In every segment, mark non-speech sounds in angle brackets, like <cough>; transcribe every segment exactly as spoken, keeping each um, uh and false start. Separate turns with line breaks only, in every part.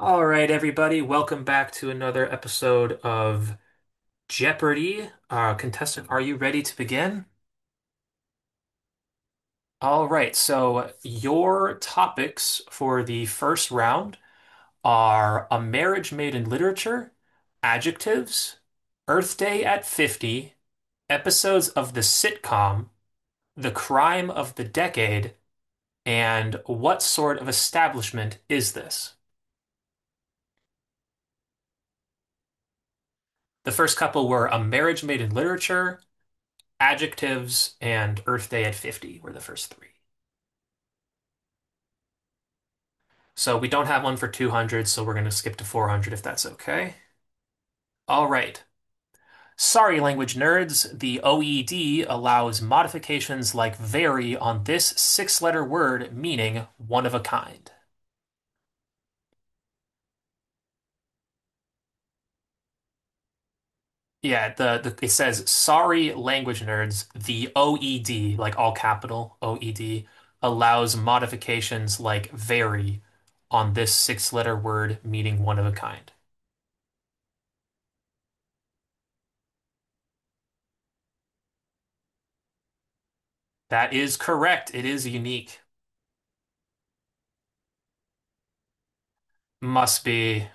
All right, everybody, welcome back to another episode of Jeopardy! Uh, contestant, are you ready to begin? All right, so your topics for the first round are a marriage made in literature, adjectives, Earth Day at fifty, episodes of the sitcom, the crime of the decade, and what sort of establishment is this? The first couple were a marriage made in literature, adjectives and Earth Day at fifty were the first three. So we don't have one for two hundred, so we're going to skip to four hundred if that's okay. All right. Sorry, language nerds, the O E D allows modifications like vary on this six letter word meaning one of a kind. Yeah, the, the it says sorry, language nerds, the O E D, like all capital O E D, allows modifications like vary on this six letter word meaning one of a kind. That is correct. It is unique. Must be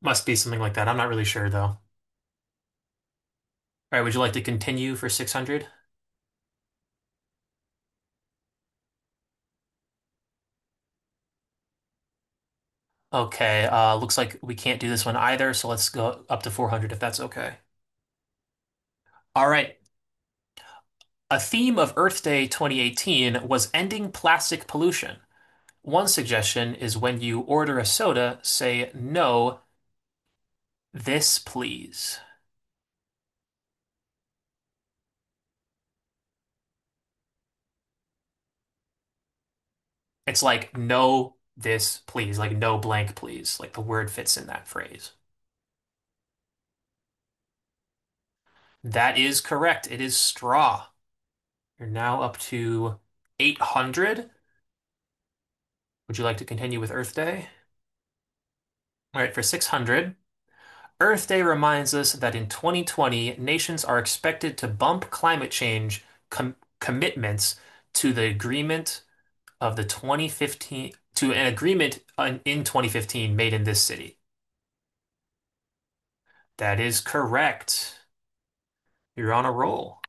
must be something like that. I'm not really sure though. All right, would you like to continue for six hundred? Okay, uh looks like we can't do this one either, so let's go up to four hundred if that's okay. All right. A theme of Earth Day twenty eighteen was ending plastic pollution. One suggestion is when you order a soda, say no, this please. It's like no, this please, like no blank please. Like the word fits in that phrase. That is correct. It is straw. You're now up to eight hundred. Would you like to continue with Earth Day? All right, for six hundred, Earth Day reminds us that in twenty twenty, nations are expected to bump climate change com commitments to the agreement of the twenty fifteen to an agreement in twenty fifteen made in this city. That is correct. You're on a roll.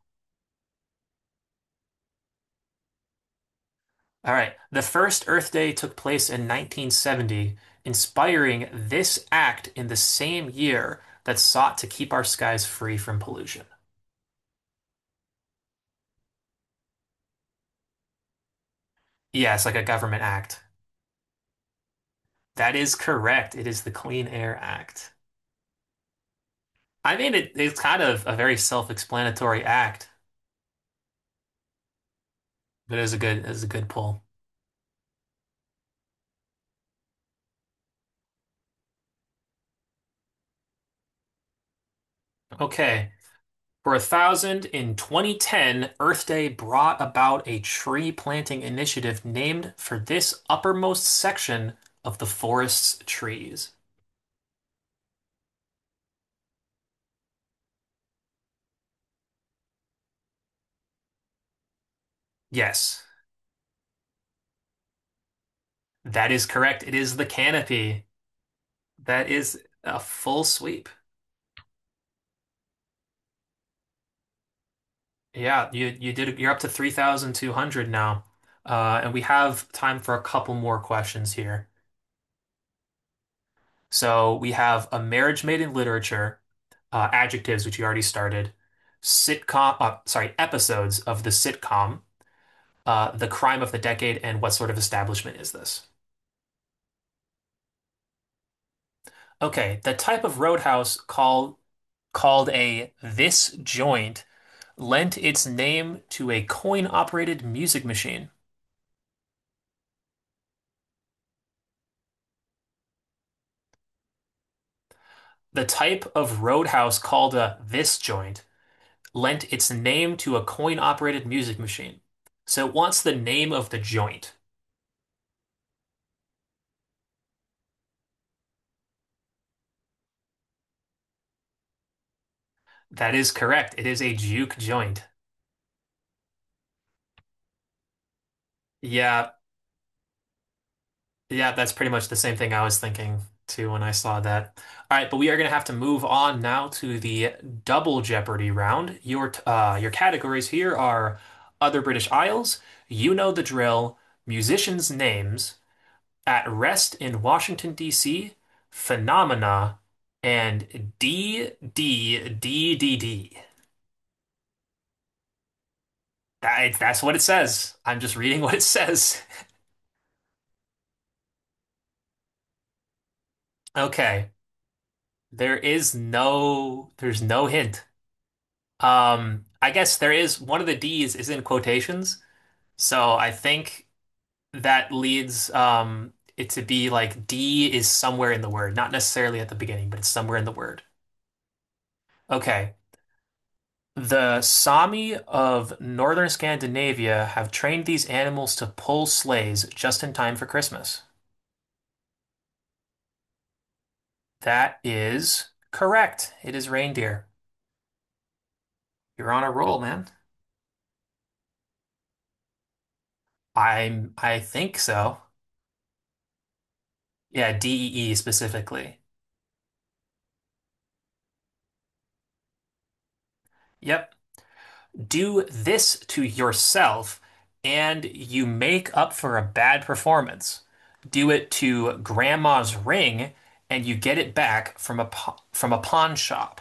All right. The first Earth Day took place in nineteen seventy, inspiring this act in the same year that sought to keep our skies free from pollution. Yeah, it's like a government act. That is correct. It is the Clean Air Act. I mean, it, it's kind of a very self-explanatory act, but it is a good, it is a good pull. Okay. For a thousand in twenty ten, Earth Day brought about a tree planting initiative named for this uppermost section of the forest's trees. Yes, that is correct. It is the canopy. That is a full sweep. Yeah, you you did you're up to three thousand two hundred now. Uh, and we have time for a couple more questions here. So we have a marriage made in literature, uh, adjectives, which you already started, sitcom, uh, sorry, episodes of the sitcom, uh, the crime of the decade, and what sort of establishment is this? Okay, the type of roadhouse called called a this joint lent its name to a coin-operated music machine. The type of roadhouse called a this joint lent its name to a coin-operated music machine. So it wants the name of the joint. That is correct. It is a juke joint. Yeah, yeah, that's pretty much the same thing I was thinking too when I saw that. All right, but we are going to have to move on now to the double Jeopardy round. Your t- uh, your categories here are other British Isles, you know the drill, musicians' names, At Rest in Washington, D C, Phenomena, and d d d d D. That, that's what it says. I'm just reading <laughs> what it says. Okay. There is no there's no hint. Um, I guess there is one of the D's is in quotations, so I think that leads um it to be like D is somewhere in the word, not necessarily at the beginning, but it's somewhere in the word. Okay. The Sami of northern Scandinavia have trained these animals to pull sleighs just in time for Christmas. That is correct. It is reindeer. You're on a roll, man. I'm, I think so. Yeah, D E E specifically. Yep. Do this to yourself and you make up for a bad performance. Do it to grandma's ring and you get it back from a, pa- from a pawn shop.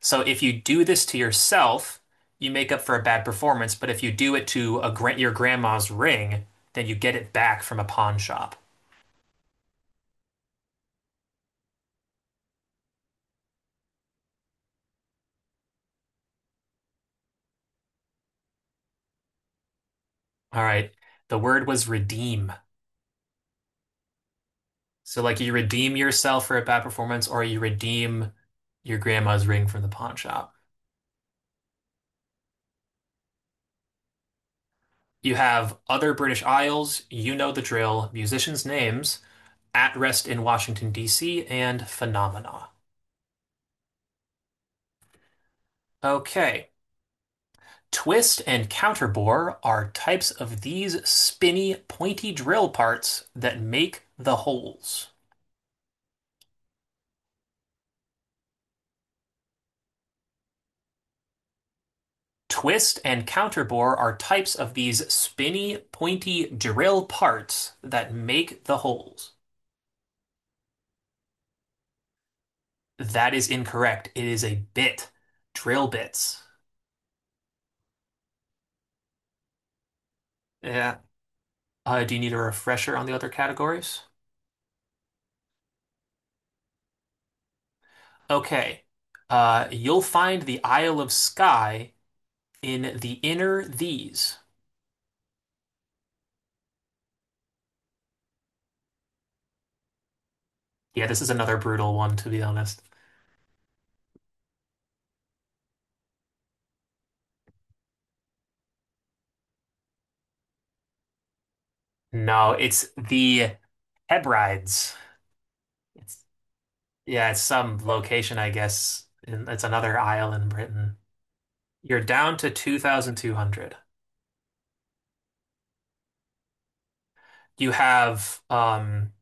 So if you do this to yourself, you make up for a bad performance, but if you do it to a gra- your grandma's ring, then you get it back from a pawn shop. All right. The word was redeem. So like you redeem yourself for a bad performance or you redeem your grandma's ring from the pawn shop. You have other British Isles, you know the drill, musicians' names, At Rest in Washington, D C, and Phenomena. Okay. Twist and counterbore are types of these spinny, pointy drill parts that make the holes. Twist and counterbore are types of these spinny, pointy drill parts that make the holes. That is incorrect. It is a bit. Drill bits. Yeah. Uh, do you need a refresher on the other categories? Okay. Uh, you'll find the Isle of Skye in the inner these. Yeah, this is another brutal one, to be honest. No, it's the Hebrides. It's yeah, it's some location, I guess. In, it's another isle in Britain. You're down to two thousand two hundred. You have um,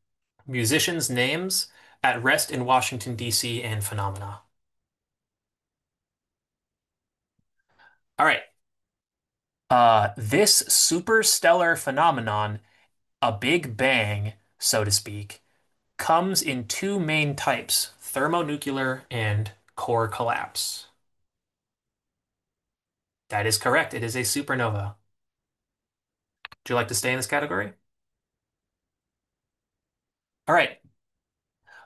musicians' names at rest in Washington, D C and phenomena. All right. Uh, this superstellar phenomenon, a Big Bang, so to speak, comes in two main types, thermonuclear and core collapse. That is correct. It is a supernova. Do you like to stay in this category? All right.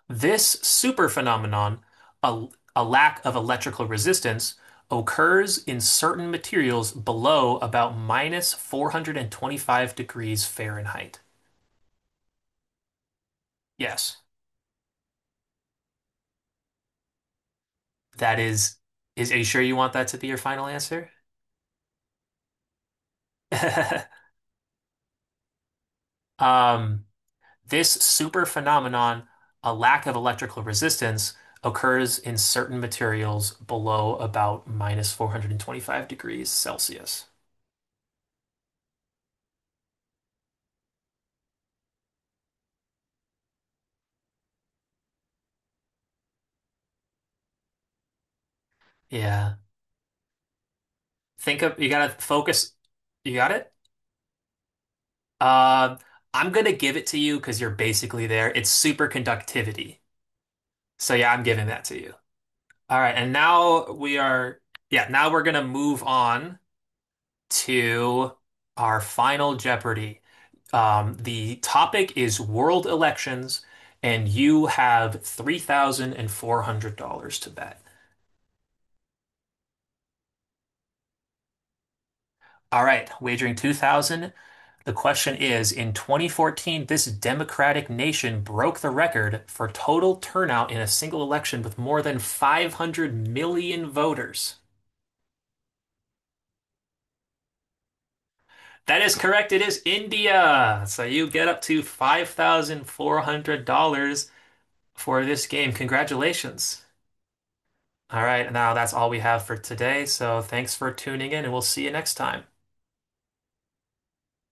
This super phenomenon, a, a lack of electrical resistance, occurs in certain materials below about minus four hundred twenty-five degrees Fahrenheit. Yes, that is, is, are you sure you want that to be your final answer? <laughs> Um, this super phenomenon, a lack of electrical resistance, occurs in certain materials below about minus four hundred twenty-five degrees Celsius. Yeah. Think of you gotta focus. You got it? Uh, I'm gonna give it to you because you're basically there. It's superconductivity. So yeah, I'm giving that to you. All right, and now we are yeah, now we're gonna move on to our final Jeopardy. Um, the topic is world elections, and you have three thousand four hundred dollars to bet. All right, wagering two thousand. The question is, in twenty fourteen, this democratic nation broke the record for total turnout in a single election with more than five hundred million voters. That is correct. It is India. So you get up to five thousand four hundred dollars for this game. Congratulations. All right, now that's all we have for today. So thanks for tuning in, and we'll see you next time.